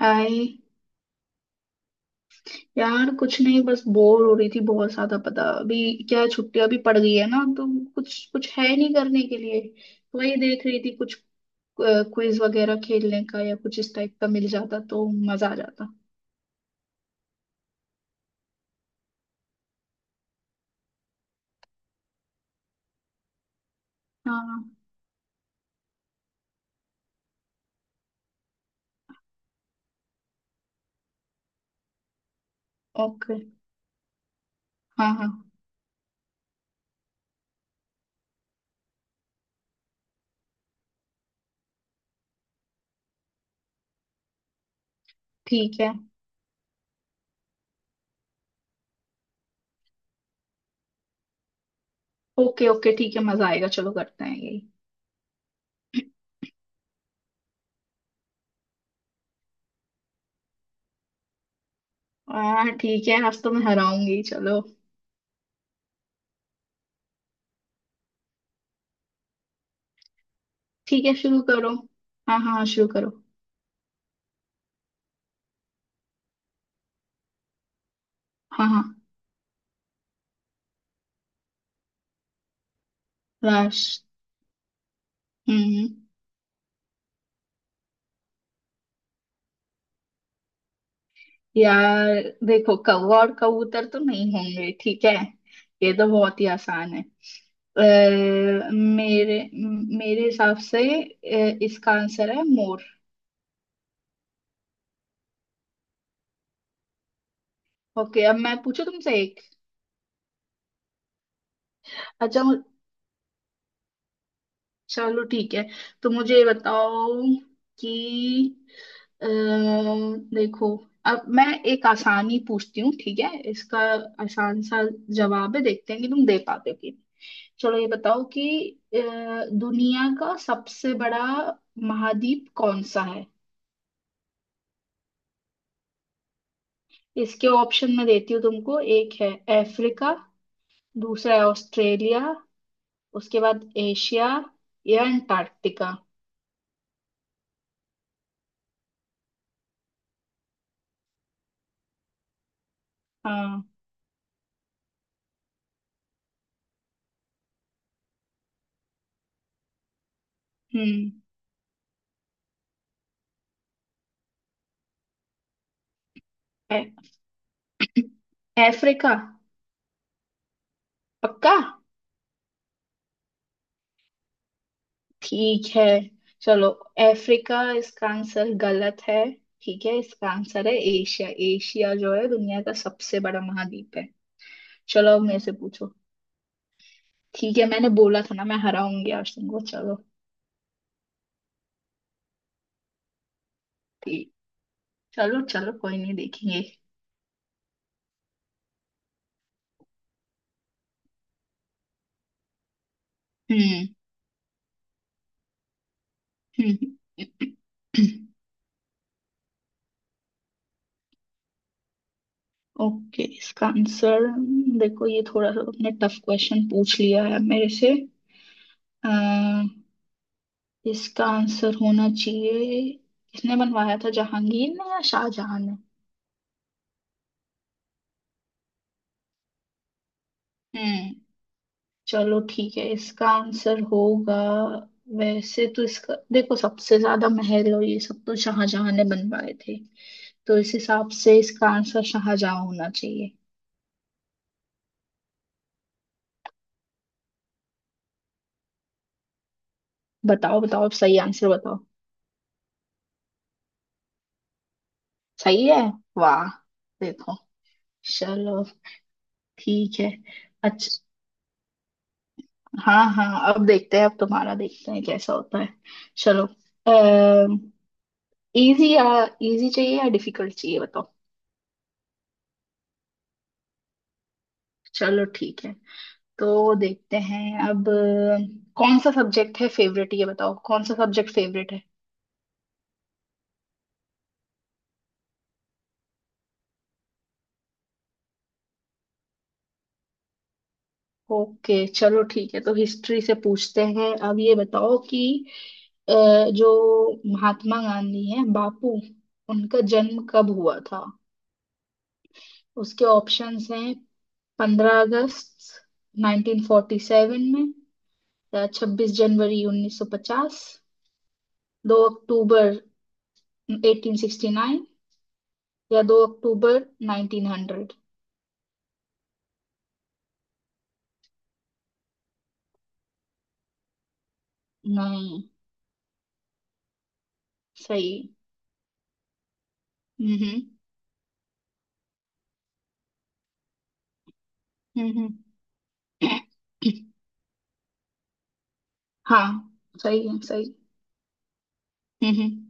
हाय। यार कुछ नहीं, बस बोर हो रही थी बहुत ज्यादा। पता अभी क्या है, छुट्टियां भी पड़ गई है ना, तो कुछ कुछ है नहीं करने के लिए। वही देख रही थी कुछ क्विज वगैरह खेलने का, या कुछ इस टाइप का मिल जाता तो मजा आ जाता। हाँ। ओके। हाँ हाँ ठीक है। ओके ओके ठीक है, मजा आएगा, चलो करते हैं यही। हाँ ठीक है, आज तो मैं हराऊंगी, चलो। ठीक है, शुरू करो। हाँ हाँ शुरू करो। हाँ हाँ। लास्ट। हम्म। यार देखो, कौवा और कबूतर तो नहीं होंगे, ठीक है। ये तो बहुत ही आसान है। अ, मेरे हिसाब से इसका आंसर है मोर। ओके, अब मैं पूछू तुमसे एक। अच्छा मु- चलो ठीक है, तो मुझे ये बताओ कि अ, देखो, अब मैं एक आसानी पूछती हूँ, ठीक है। इसका आसान सा जवाब है, देखते हैं कि तुम दे पाते हो कि नहीं। चलो ये बताओ कि अ, दुनिया का सबसे बड़ा महाद्वीप कौन सा है। इसके ऑप्शन मैं देती हूँ तुमको। एक है अफ्रीका, दूसरा है ऑस्ट्रेलिया, उसके बाद एशिया, या अंटार्कटिका। हाँ। हम्म। ए- अफ्रीका। पक्का। ठीक है चलो। अफ्रीका इसका आंसर गलत है। ठीक है, इसका आंसर है एशिया। एशिया जो है दुनिया का सबसे बड़ा महाद्वीप है। चलो अब मेरे से पूछो। ठीक है, मैंने बोला था ना मैं हराऊंगी अर्शन को, चलो। ठीक। चलो चलो, कोई नहीं, देखेंगे। हम्म। हम्म। ओके इसका आंसर। देखो ये थोड़ा सा तुमने टफ क्वेश्चन पूछ लिया है मेरे से। आ, इसका आंसर होना चाहिए। किसने बनवाया था, जहांगीर ने या शाहजहां ने। हम्म। चलो ठीक है, इसका आंसर होगा। वैसे तो इसका देखो, सबसे ज्यादा महल और ये सब तो शाहजहां ने बनवाए थे, तो इस हिसाब से इसका आंसर शाहजहां होना चाहिए। बताओ बताओ, अब सही आंसर बताओ। सही है। वाह। देखो। चलो। ठीक है। अच्छा। हाँ हाँ, अब देखते हैं अब तुम्हारा, देखते हैं कैसा होता है। चलो। इजी या, इजी चाहिए या डिफिकल्ट चाहिए बताओ। चलो ठीक है, तो देखते हैं अब। कौन सा सब्जेक्ट है फेवरेट, ये बताओ। कौन सा सब्जेक्ट फेवरेट है। ओके चलो ठीक है, तो हिस्ट्री से पूछते हैं। अब ये बताओ कि अ, जो महात्मा गांधी हैं, बापू, उनका जन्म कब हुआ था। उसके ऑप्शंस हैं पंद्रह अगस्त 1947 में, या छब्बीस जनवरी 1950, दो अक्टूबर 1869, या दो अक्टूबर 1900। नहीं। सही। हम्म। हम्म। हम्म। हम्म। हाँ सही है, सही। हम्म।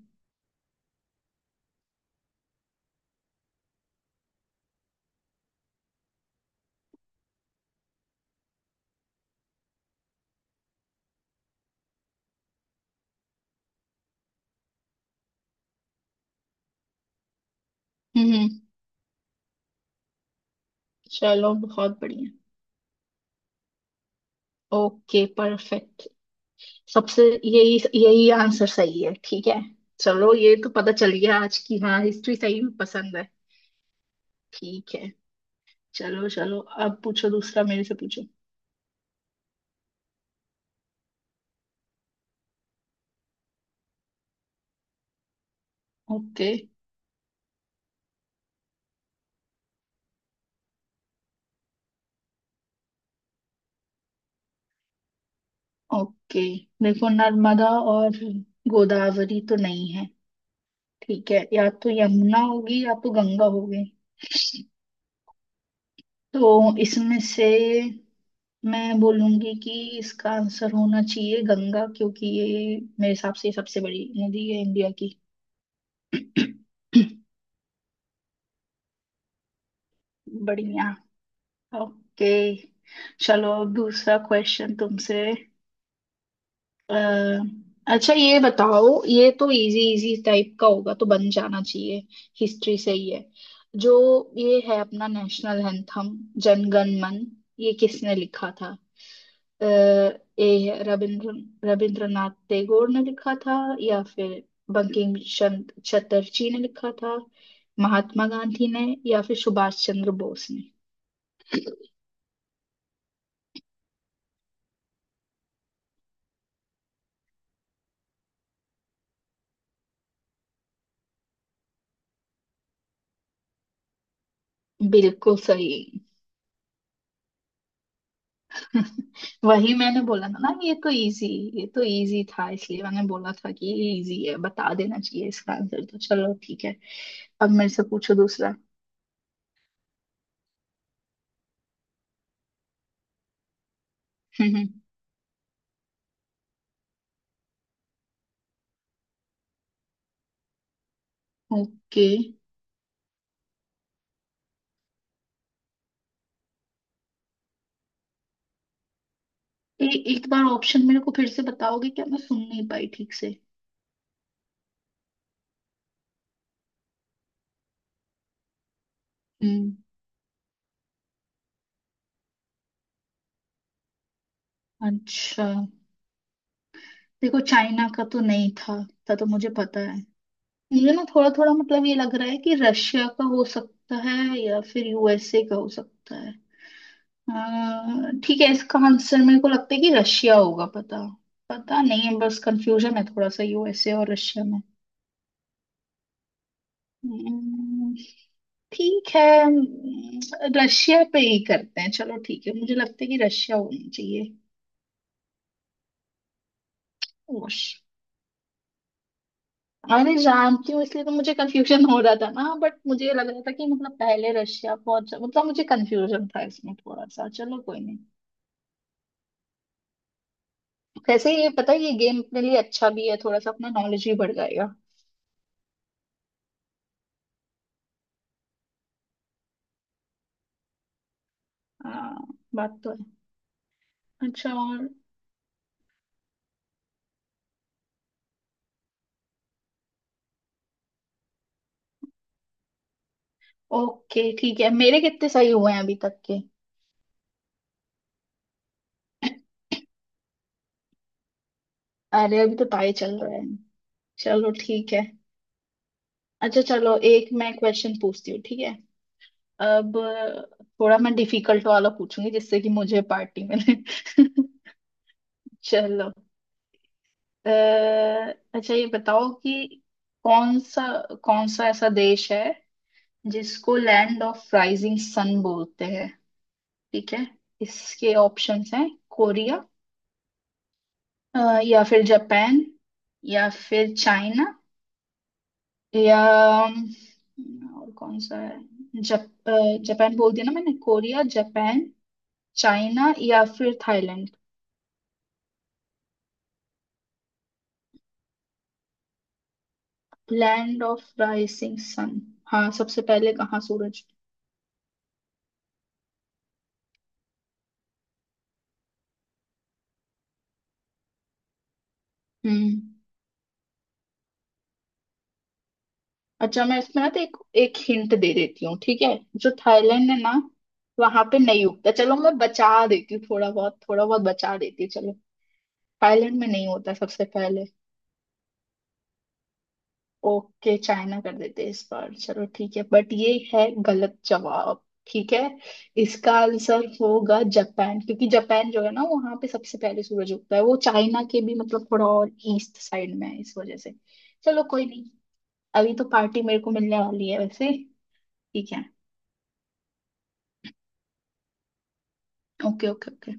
हम्म। हम्म। चलो बहुत बढ़िया। Okay perfect. सबसे, यही यही आंसर सही है, ठीक है। चलो ये तो पता चल गया आज की, हाँ, हिस्ट्री सही में पसंद है। ठीक है। चलो चलो, अब पूछो दूसरा, मेरे से पूछो। Okay okay. देखो नर्मदा और गोदावरी तो नहीं है, ठीक है। या तो यमुना होगी या तो गंगा होगी। तो इसमें से मैं बोलूंगी कि इसका आंसर होना चाहिए गंगा, क्योंकि ये मेरे हिसाब से सबसे बड़ी नदी है इंडिया की। बढ़िया। ओके। चलो अब दूसरा क्वेश्चन तुमसे। अ, अच्छा ये बताओ, ये तो इजी इजी टाइप का होगा तो बन जाना चाहिए। हिस्ट्री से ही है जो। ये है अपना नेशनल एंथम, जनगण मन, ये किसने लिखा था। ये है, रविंद्रनाथ टैगोर ने लिखा था, या फिर बंकिम चंद्र चटर्जी ने लिखा था, महात्मा गांधी ने, या फिर सुभाष चंद्र बोस ने। बिल्कुल सही। वही मैंने बोला ना, ना ये तो इजी। ये तो इजी था, इसलिए मैंने बोला था कि ये इजी है, बता देना चाहिए इसका आंसर। तो चलो ठीक है। अब मेरे से पूछो दूसरा। हम्म। ओके। ए, एक बार ऑप्शन मेरे को फिर से बताओगे क्या, मैं सुन नहीं पाई ठीक से। हम्म। अच्छा देखो, चाइना का तो नहीं था, था तो मुझे पता है। मुझे ना थोड़ा थोड़ा मतलब ये लग रहा है कि रशिया का हो सकता है या फिर यूएसए का हो सकता है। ठीक है, इसका आंसर मेरे को लगता है कि रशिया होगा, पता, पता नहीं है, बस कंफ्यूजन है थोड़ा सा यूएसए और रशिया में। हम्म। ठीक है। हम्म। रशिया पे ही करते हैं, चलो ठीक है, मुझे लगता है कि रशिया होनी चाहिए। ओश। अरे जानती हूँ, इसलिए तो मुझे कंफ्यूजन हो रहा था ना। बट मुझे लग रहा था कि मतलब पहले रशिया पहुंच, मतलब मुझे कंफ्यूजन था इसमें थोड़ा सा, चलो कोई नहीं। वैसे ये पता है, ये गेम अपने लिए अच्छा भी है, थोड़ा सा अपना नॉलेज भी बढ़ जाएगा। हाँ। बात तो। अच्छा और। ओके ठीक है, मेरे कितने सही हुए हैं अभी तक के। अरे अभी तो टाई चल रहा है। चलो ठीक है। अच्छा चलो, एक मैं क्वेश्चन पूछती हूँ, ठीक है। अब थोड़ा मैं डिफिकल्ट वाला पूछूंगी, जिससे कि मुझे पार्टी मिले। चलो। अ, अच्छा ये बताओ कि कौन सा कौन सा ऐसा देश है जिसको लैंड ऑफ राइजिंग सन बोलते हैं, ठीक है। इसके ऑप्शंस हैं कोरिया, अ, या फिर जापान, या फिर चाइना, या और कौन सा है, जापान बोल दिया ना मैंने। कोरिया, जापान, चाइना या फिर Thailand. Land of rising sun. हाँ, सबसे पहले कहाँ सूरज। हम्म। अच्छा मैं इसमें ना तो एक एक हिंट दे देती हूँ, ठीक है। जो थाईलैंड है ना, वहां पे नहीं उगता। चलो मैं बचा देती हूँ थोड़ा बहुत, थोड़ा बहुत बचा देती हूँ चलो। थाईलैंड में नहीं होता सबसे पहले। ओके चाइना कर देते इस बार, चलो ठीक है, बट ये है गलत जवाब। ठीक है, इसका आंसर होगा जापान, क्योंकि जापान जो है ना, वहां पे सबसे पहले सूरज उगता है। वो चाइना के भी मतलब थोड़ा और ईस्ट साइड में है, इस वजह से। चलो कोई नहीं, अभी तो पार्टी मेरे को मिलने वाली है वैसे। ठीक है। Okay okay okay.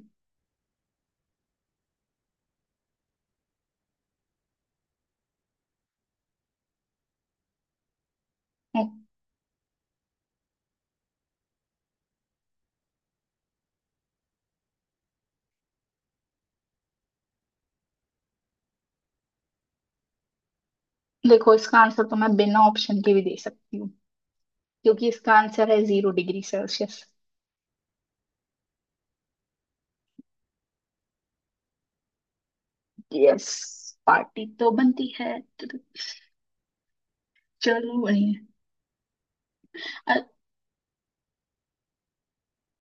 देखो इसका आंसर तो मैं बिना ऑप्शन के भी दे सकती हूँ, क्योंकि इसका आंसर है zero degree Celsius. Yes. Party तो बनती है। चलो बढ़िया।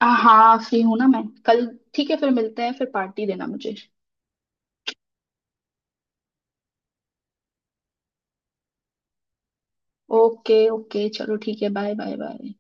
हाँ फ्री हूं ना मैं कल। ठीक है, फिर मिलते हैं, फिर पार्टी देना मुझे। ओके ओके चलो ठीक है, बाय बाय बाय।